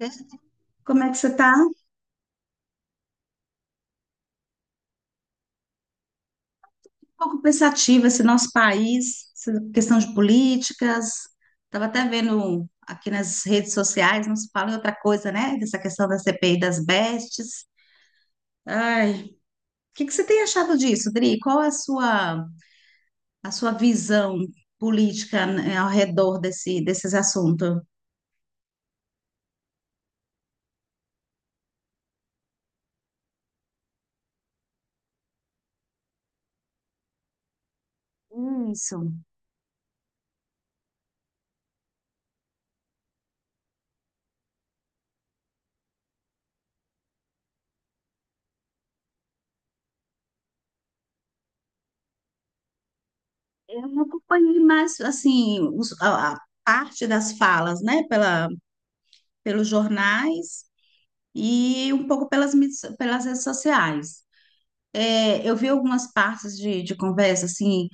Né? Como é que você está? Um pouco pensativa esse nosso país, essa questão de políticas. Estava até vendo aqui nas redes sociais, não se fala em outra coisa, né? Dessa questão da CPI das bestes. Ai, o que que você tem achado disso, Dri? Qual é a sua visão política, né, ao redor desses assuntos? Isso. Eu não acompanhei mais, assim, a parte das falas, né, pelos jornais, e um pouco pelas redes sociais. Eu vi algumas partes de conversa assim,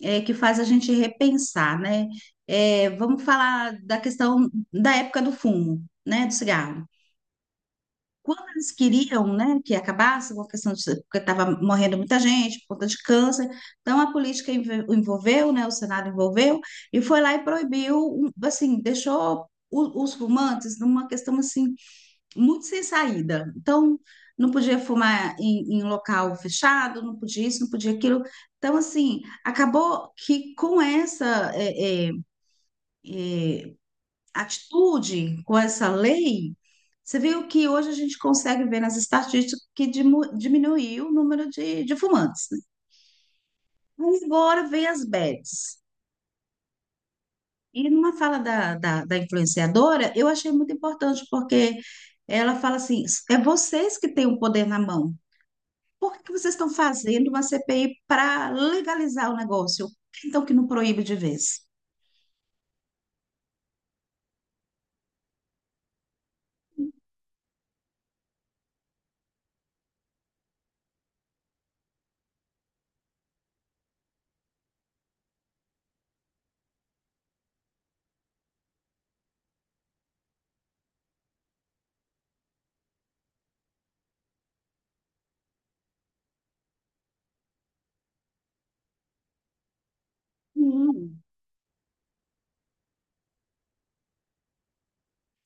que faz a gente repensar, né? Vamos falar da questão da época do fumo, né? Do cigarro. Quando eles queriam, né, que acabasse com a questão de, porque estava morrendo muita gente por conta de câncer, então a política envolveu, né, o Senado envolveu e foi lá e proibiu, assim, deixou os fumantes numa questão assim muito sem saída. Então, não podia fumar em local fechado, não podia isso, não podia aquilo. Então, assim, acabou que com essa é, atitude, com essa lei, você viu que hoje a gente consegue ver nas estatísticas que diminuiu o número de fumantes, né? Mas agora vem as bets. E numa fala da influenciadora, eu achei muito importante, porque ela fala assim: é vocês que têm o poder na mão. Por que vocês estão fazendo uma CPI para legalizar o negócio? Então, que não proíbe de vez. Hum.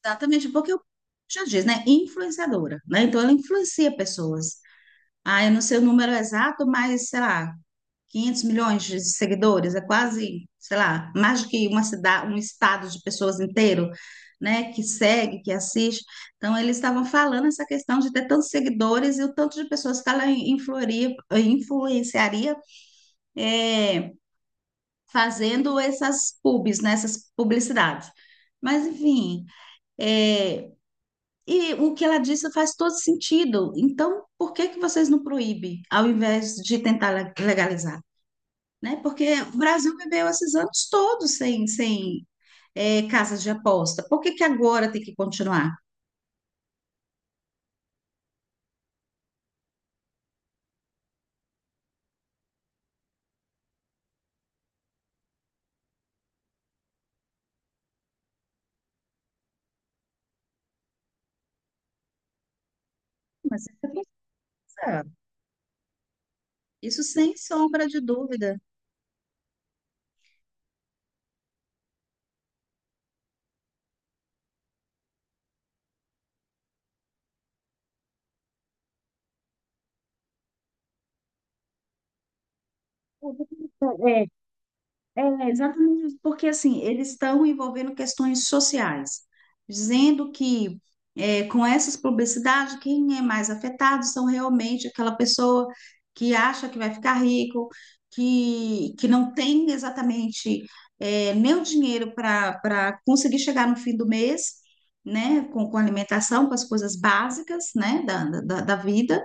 Exatamente, porque eu já diz, né? Influenciadora, né? Então, ela influencia pessoas. Ah, eu não sei o número exato, mas, sei lá, 500 milhões de seguidores, é quase, sei lá, mais do que uma cidade, um estado de pessoas inteiro, né? Que segue, que assiste. Então, eles estavam falando essa questão de ter tantos seguidores e o tanto de pessoas que ela influenciaria, eh, fazendo essas pubs, né, essas publicidades. Mas, enfim, é, e o que ela disse faz todo sentido. Então, por que que vocês não proíbem, ao invés de tentar legalizar? Né? Porque o Brasil viveu esses anos todos sem casas de aposta. Por que que agora tem que continuar? Mas, é, isso sem sombra de dúvida. Exatamente, isso, porque assim, eles estão envolvendo questões sociais, dizendo que com essas publicidades, quem é mais afetado são realmente aquela pessoa que acha que vai ficar rico, que não tem exatamente nem o dinheiro para conseguir chegar no fim do mês, né, com alimentação, com as coisas básicas, né, da vida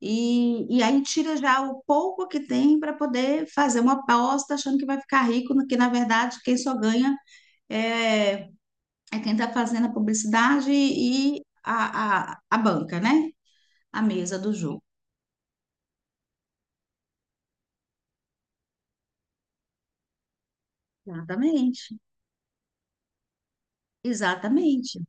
e aí tira já o pouco que tem para poder fazer uma aposta achando que vai ficar rico, no que na verdade quem só ganha é, é quem está fazendo a publicidade e a banca, né? A mesa do jogo. Exatamente, exatamente.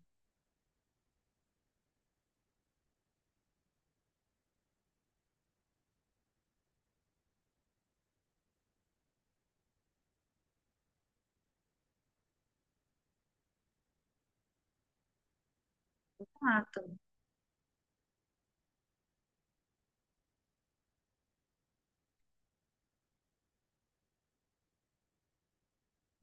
Exato.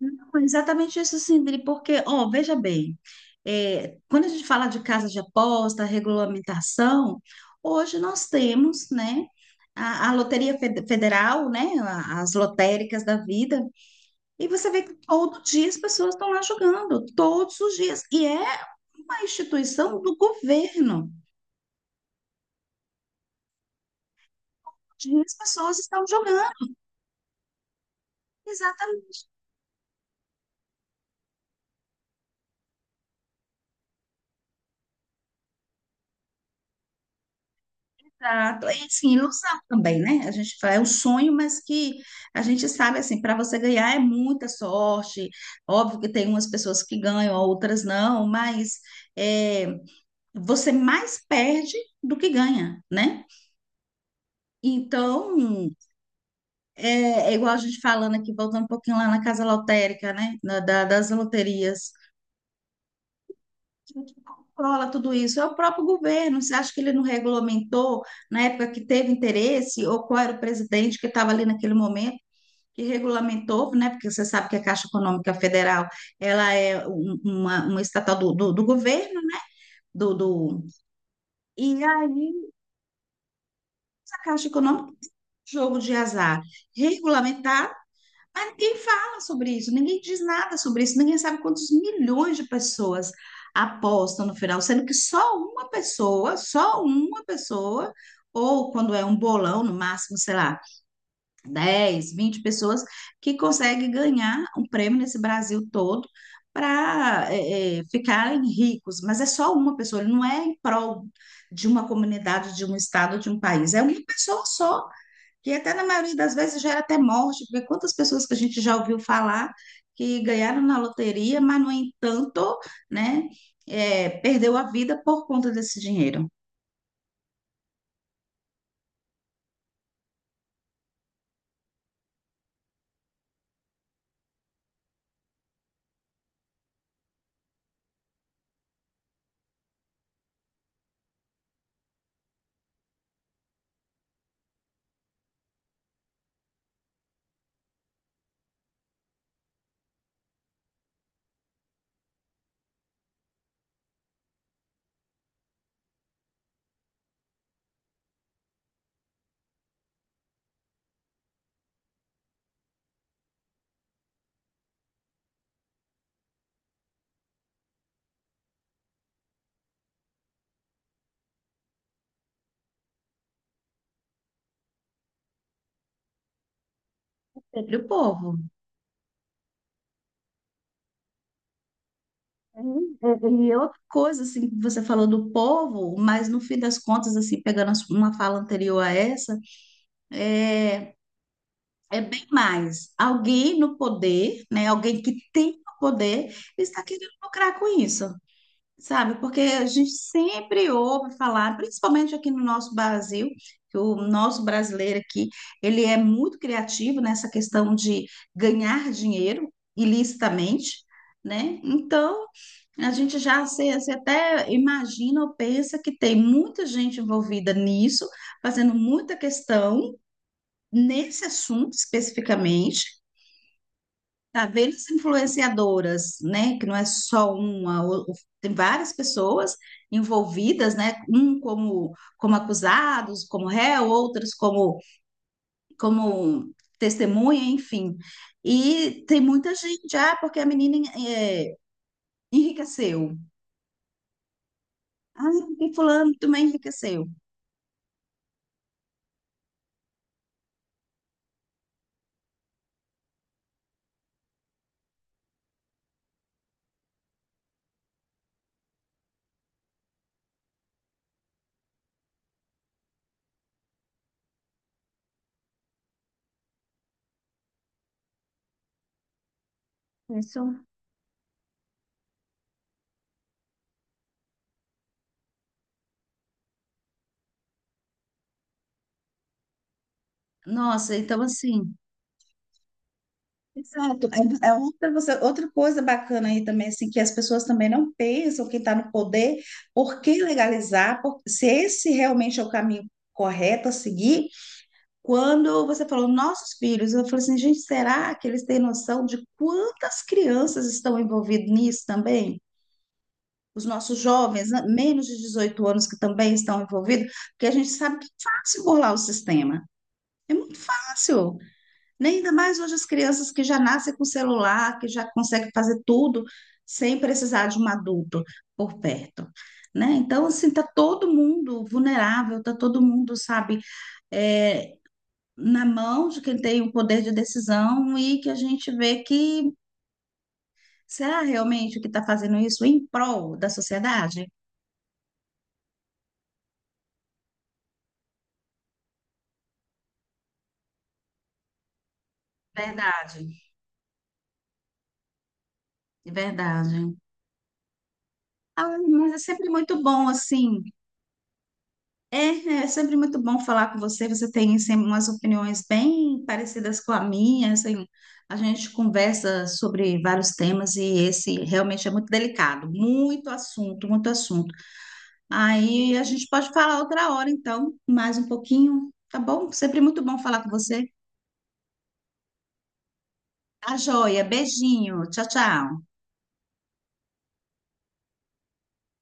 Não, exatamente isso, Sindri, porque, ó, veja bem, quando a gente fala de casa de aposta, regulamentação, hoje nós temos, né, a Federal, né, as lotéricas da vida, e você vê que todo dia as pessoas estão lá jogando, todos os dias, e é uma instituição do governo, onde as pessoas estão jogando. Exato. É assim, ilusão também, né? A gente fala, é um sonho, mas que a gente sabe, assim, para você ganhar é muita sorte. Óbvio que tem umas pessoas que ganham, outras não, mas é, você mais perde do que ganha, né? Então, é, é igual a gente falando aqui, voltando um pouquinho lá na casa lotérica, né? Das loterias. Quem que controla tudo isso? É o próprio governo. Você acha que ele não regulamentou na época que teve interesse, ou qual era o presidente que estava ali naquele momento? Que regulamentou, né? Porque você sabe que a Caixa Econômica Federal ela é uma estatal do governo, né? Do... E aí, a Caixa Econômica, jogo de azar, regulamentar. Mas ninguém fala sobre isso, ninguém diz nada sobre isso, ninguém sabe quantos milhões de pessoas apostam no final, sendo que só uma pessoa, ou quando é um bolão, no máximo, sei lá, 10, 20 pessoas, que consegue ganhar um prêmio nesse Brasil todo para ficarem ricos. Mas é só uma pessoa, ele não é em prol de uma comunidade, de um estado, de um país, é uma pessoa só que até na maioria das vezes gera até morte, porque quantas pessoas que a gente já ouviu falar que ganharam na loteria, mas, no entanto, né, perdeu a vida por conta desse dinheiro. Sempre o povo. E é outra coisa, assim, que você falou do povo, mas no fim das contas, assim, pegando uma fala anterior a essa, é, é bem mais. Alguém no poder, né, alguém que tem o poder, está querendo lucrar com isso. Sabe, porque a gente sempre ouve falar, principalmente aqui no nosso Brasil, que o nosso brasileiro aqui, ele é muito criativo nessa questão de ganhar dinheiro ilicitamente, né? Então, a gente já se até imagina ou pensa que tem muita gente envolvida nisso, fazendo muita questão nesse assunto especificamente. Tá vendo as influenciadoras, né? Que não é só uma, tem várias pessoas envolvidas, né? Um como, como acusados, como réu, outras como, como testemunha, enfim. E tem muita gente, ah, porque a menina eh, enriqueceu. Ah, porque fulano também enriqueceu. Isso. Nossa, então assim. Exato. É outra, outra coisa bacana aí também, assim, que as pessoas também não pensam, quem está no poder, por que legalizar? Se esse realmente é o caminho correto a seguir, quando você falou nossos filhos, eu falei assim, gente, será que eles têm noção de quantas crianças estão envolvidas nisso também? Os nossos jovens, né, menos de 18 anos, que também estão envolvidos, porque a gente sabe que é fácil burlar o sistema. É muito fácil, né? Ainda mais hoje as crianças que já nascem com celular, que já conseguem fazer tudo sem precisar de um adulto por perto. Né? Então, assim, tá todo mundo vulnerável, tá todo mundo, sabe, é, na mão de quem tem o poder de decisão e que a gente vê que será realmente que está fazendo isso em prol da sociedade? Verdade, verdade. Ah, mas é sempre muito bom, assim, é, é sempre muito bom falar com você. Você tem sempre umas opiniões bem parecidas com a minha. Assim, a gente conversa sobre vários temas e esse realmente é muito delicado, muito assunto, muito assunto. Aí a gente pode falar outra hora, então, mais um pouquinho, tá bom? Sempre muito bom falar com você. Tá joia, beijinho, tchau, tchau.